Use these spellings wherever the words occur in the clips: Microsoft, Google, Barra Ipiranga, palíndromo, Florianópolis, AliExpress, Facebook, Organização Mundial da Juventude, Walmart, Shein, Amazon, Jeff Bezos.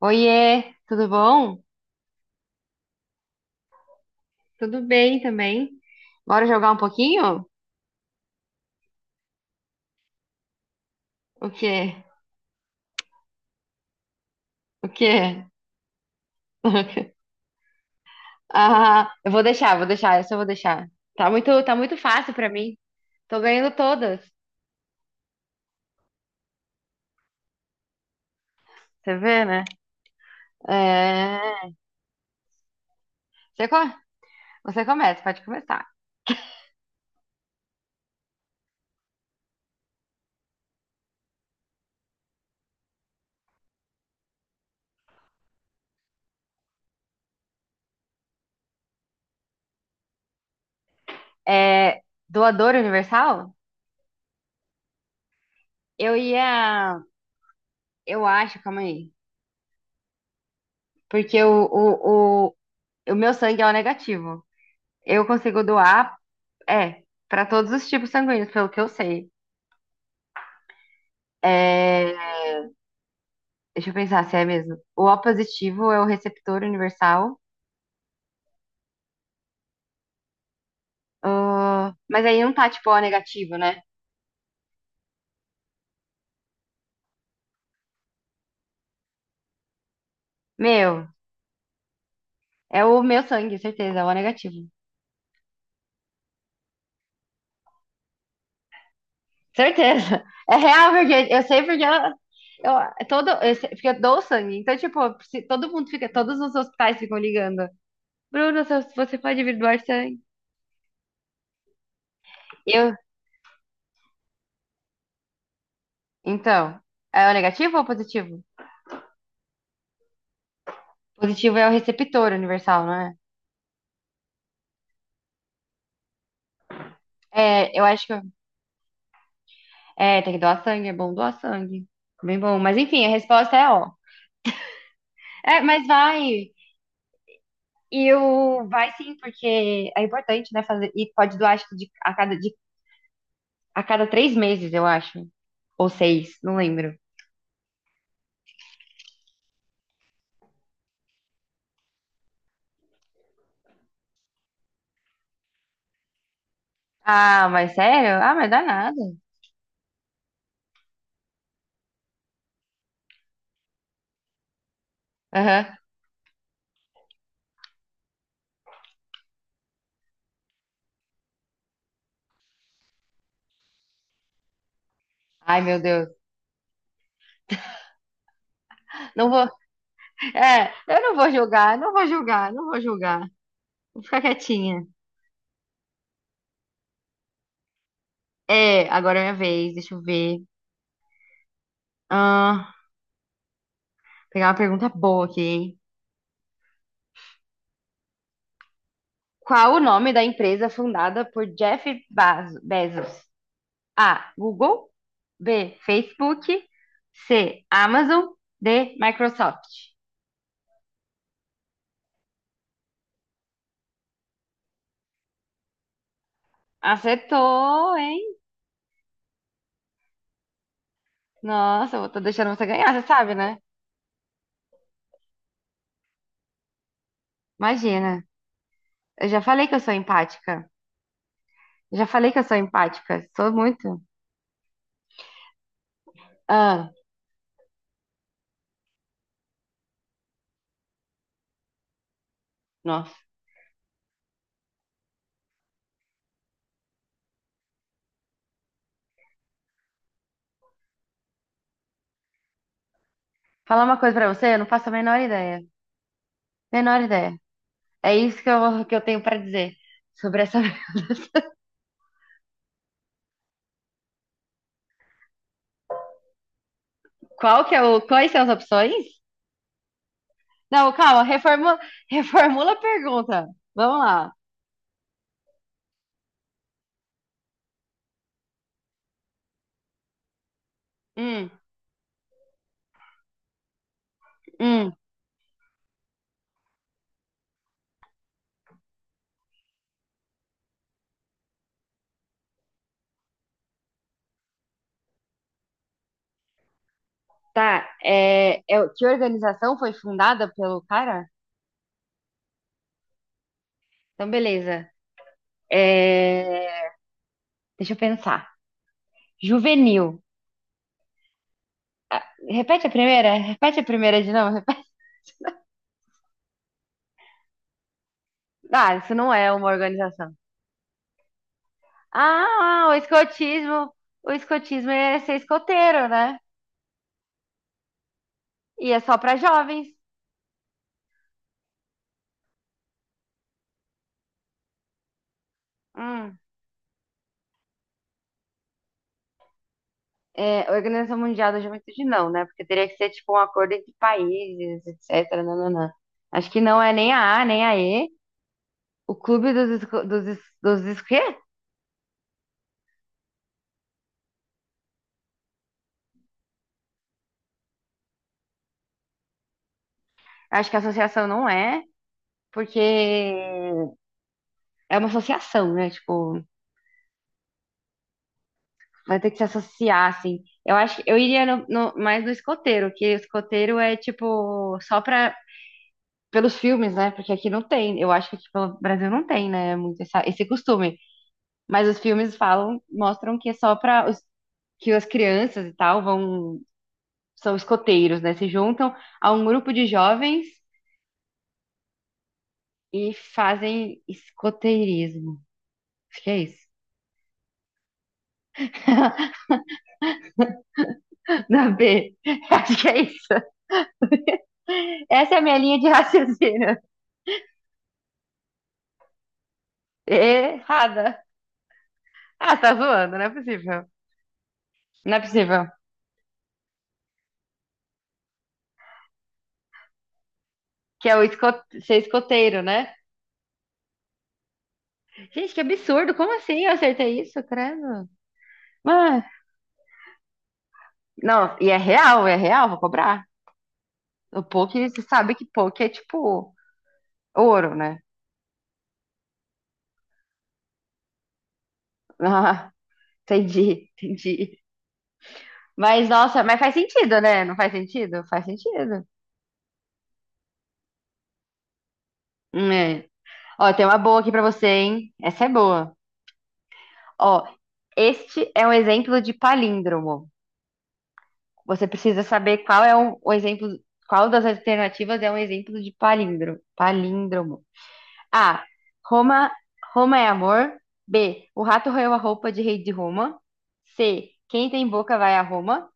Oiê, tudo bom? Tudo bem também. Bora jogar um pouquinho? O quê? O quê? Ah, eu vou deixar, essa eu vou deixar. Tá muito fácil pra mim. Tô ganhando todas. Você vê, né? É... Você, co- Você começa, pode começar. É... Doador universal? Eu ia. Eu acho, calma aí. Porque o meu sangue é o negativo. Eu consigo doar, é, pra todos os tipos sanguíneos, pelo que eu sei. É, deixa eu pensar se é mesmo. O positivo é o receptor universal. Ah, mas aí não tá tipo O negativo, né? Meu, é o meu sangue, certeza, é o O negativo. Certeza. É real, porque eu sei porque ela. Eu, todo, eu sei- Porque eu dou sangue. Então, tipo, se- todo mundo fica, todos os hospitais ficam ligando. Bruno, se você pode vir doar sangue. Eu, então, é o negativo ou o positivo? Positivo é o receptor universal, não é? É, eu acho que. É, tem que doar sangue, é bom doar sangue. Bem bom. Mas enfim, a resposta é ó. É, mas vai. E o vai sim, porque é importante, né, fazer. E pode doar, acho que a cada três meses, eu acho. Ou seis, não lembro. Ah, mas sério? Ah, mas dá nada. Aham. Ai, meu Deus. Não vou. É, eu não vou julgar. Vou ficar quietinha. É, agora é minha vez, deixa eu ver. Ah, pegar uma pergunta boa aqui, hein? Qual o nome da empresa fundada por Jeff Bezos? A. Google. B. Facebook. C. Amazon. D. Microsoft. Acertou, hein? Nossa, eu tô deixando você ganhar, você sabe, né? Imagina. Eu já falei que eu sou empática. Eu já falei que eu sou empática. Sou muito. Ah, nossa. Falar uma coisa pra você, eu não faço a menor ideia. Menor ideia. É isso que eu tenho pra dizer sobre essa. Qual que é o, quais são as opções? Não, calma, reformula, reformula a pergunta. Vamos lá. Hum, hum, tá. Que organização foi fundada pelo cara? Então, beleza. É, deixa eu pensar. Juvenil. Ah, repete a primeira? Repete a primeira de novo? Repete. Ah, isso não é uma organização. Ah, o escotismo. O escotismo é ser escoteiro, né? E é só para jovens. Hum. É, Organização Mundial da Juventude não, né? Porque teria que ser tipo um acordo entre países, etc. Nananã. Acho que não é nem a A, nem a E. O clube dos, esco- dos, es- quê? Acho que a associação não é, porque é uma associação, né? Tipo, vai ter que se associar, assim. Eu acho que eu iria mais no escoteiro, que escoteiro é tipo só pra, pelos filmes, né? Porque aqui não tem. Eu acho que aqui pelo Brasil não tem, né? Muito esse costume. Mas os filmes falam, mostram que é só para os que as crianças e tal vão são escoteiros, né? Se juntam a um grupo de jovens e fazem escoteirismo. Acho que é isso. Na B. Acho que é isso. Essa é a minha linha de raciocínio. Errada. Ah, tá zoando, não é possível. Não é possível. Que é o esco- Ser escoteiro, né? Gente, que absurdo. Como assim eu acertei isso, credo? Ah, não, e é real, vou cobrar. O poke, você sabe que poke é tipo ouro, né? Ah, entendi, entendi. Mas, nossa, mas faz sentido, né? Não faz sentido? Faz sentido. É. Ó, tem uma boa aqui pra você, hein? Essa é boa. Ó, este é um exemplo de palíndromo. Você precisa saber qual é um- o exemplo, qual das alternativas é um exemplo de palíndromo. Palíndromo. A. Roma, Roma é amor. B. O rato roeu a roupa de rei de Roma. C. Quem tem boca vai a Roma.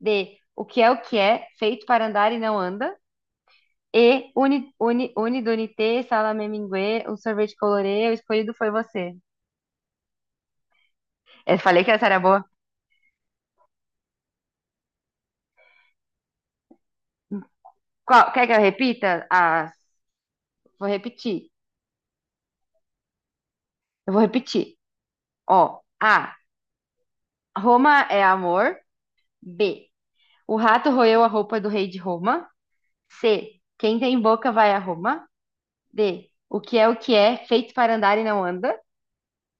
D. O que é, feito para andar e não anda. E. Donite, salame mingue, um sorvete colorê, o escolhido foi você. Eu falei que essa era boa. Qual, quer que eu repita? As, vou repetir. Eu vou repetir. Ó. A. Roma é amor. B. O rato roeu a roupa do rei de Roma. C. Quem tem boca vai a Roma. D. O que é, feito para andar e não anda.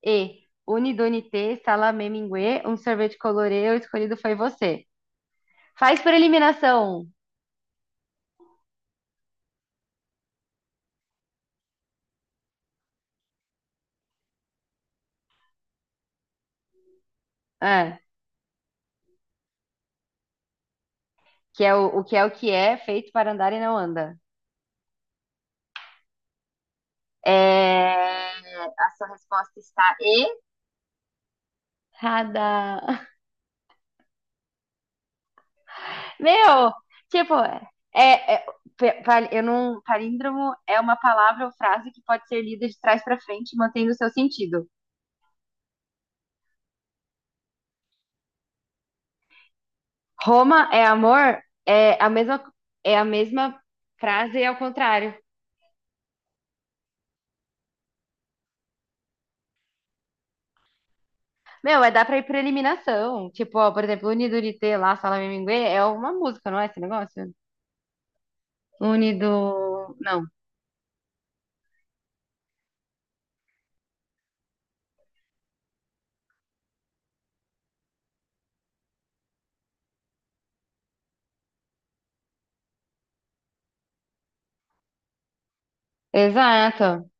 E. Unidunité, salameminguê um sorvete colorê, o escolhido foi você. Faz por eliminação. Ah, o que é, feito para andar e não anda. É, a sua resposta está errada. Meu, tipo, é, é, pa- pa- eu não, palíndromo é uma palavra ou frase que pode ser lida de trás para frente, mantendo o seu sentido. Roma é amor é a mesma frase ao contrário. Meu, é dar pra ir pra eliminação. Tipo, ó, por exemplo, Unido Unite lá, Salame Mingue, é uma música, não é esse negócio? Unido. Não. Exato.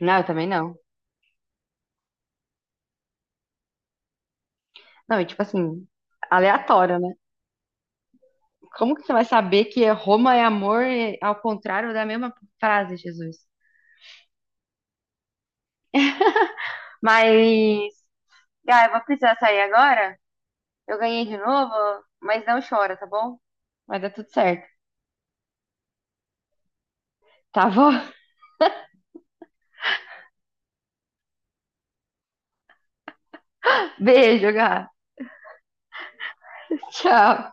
Não, eu também não. Não, e tipo assim, aleatório, né? Como que você vai saber que é Roma é amor e ao contrário da mesma frase, Jesus? Mas. Ah, eu vou precisar sair agora. Eu ganhei de novo, mas não chora, tá bom? Vai dar tudo certo. Tá bom? Beijo, Gá. Tchau.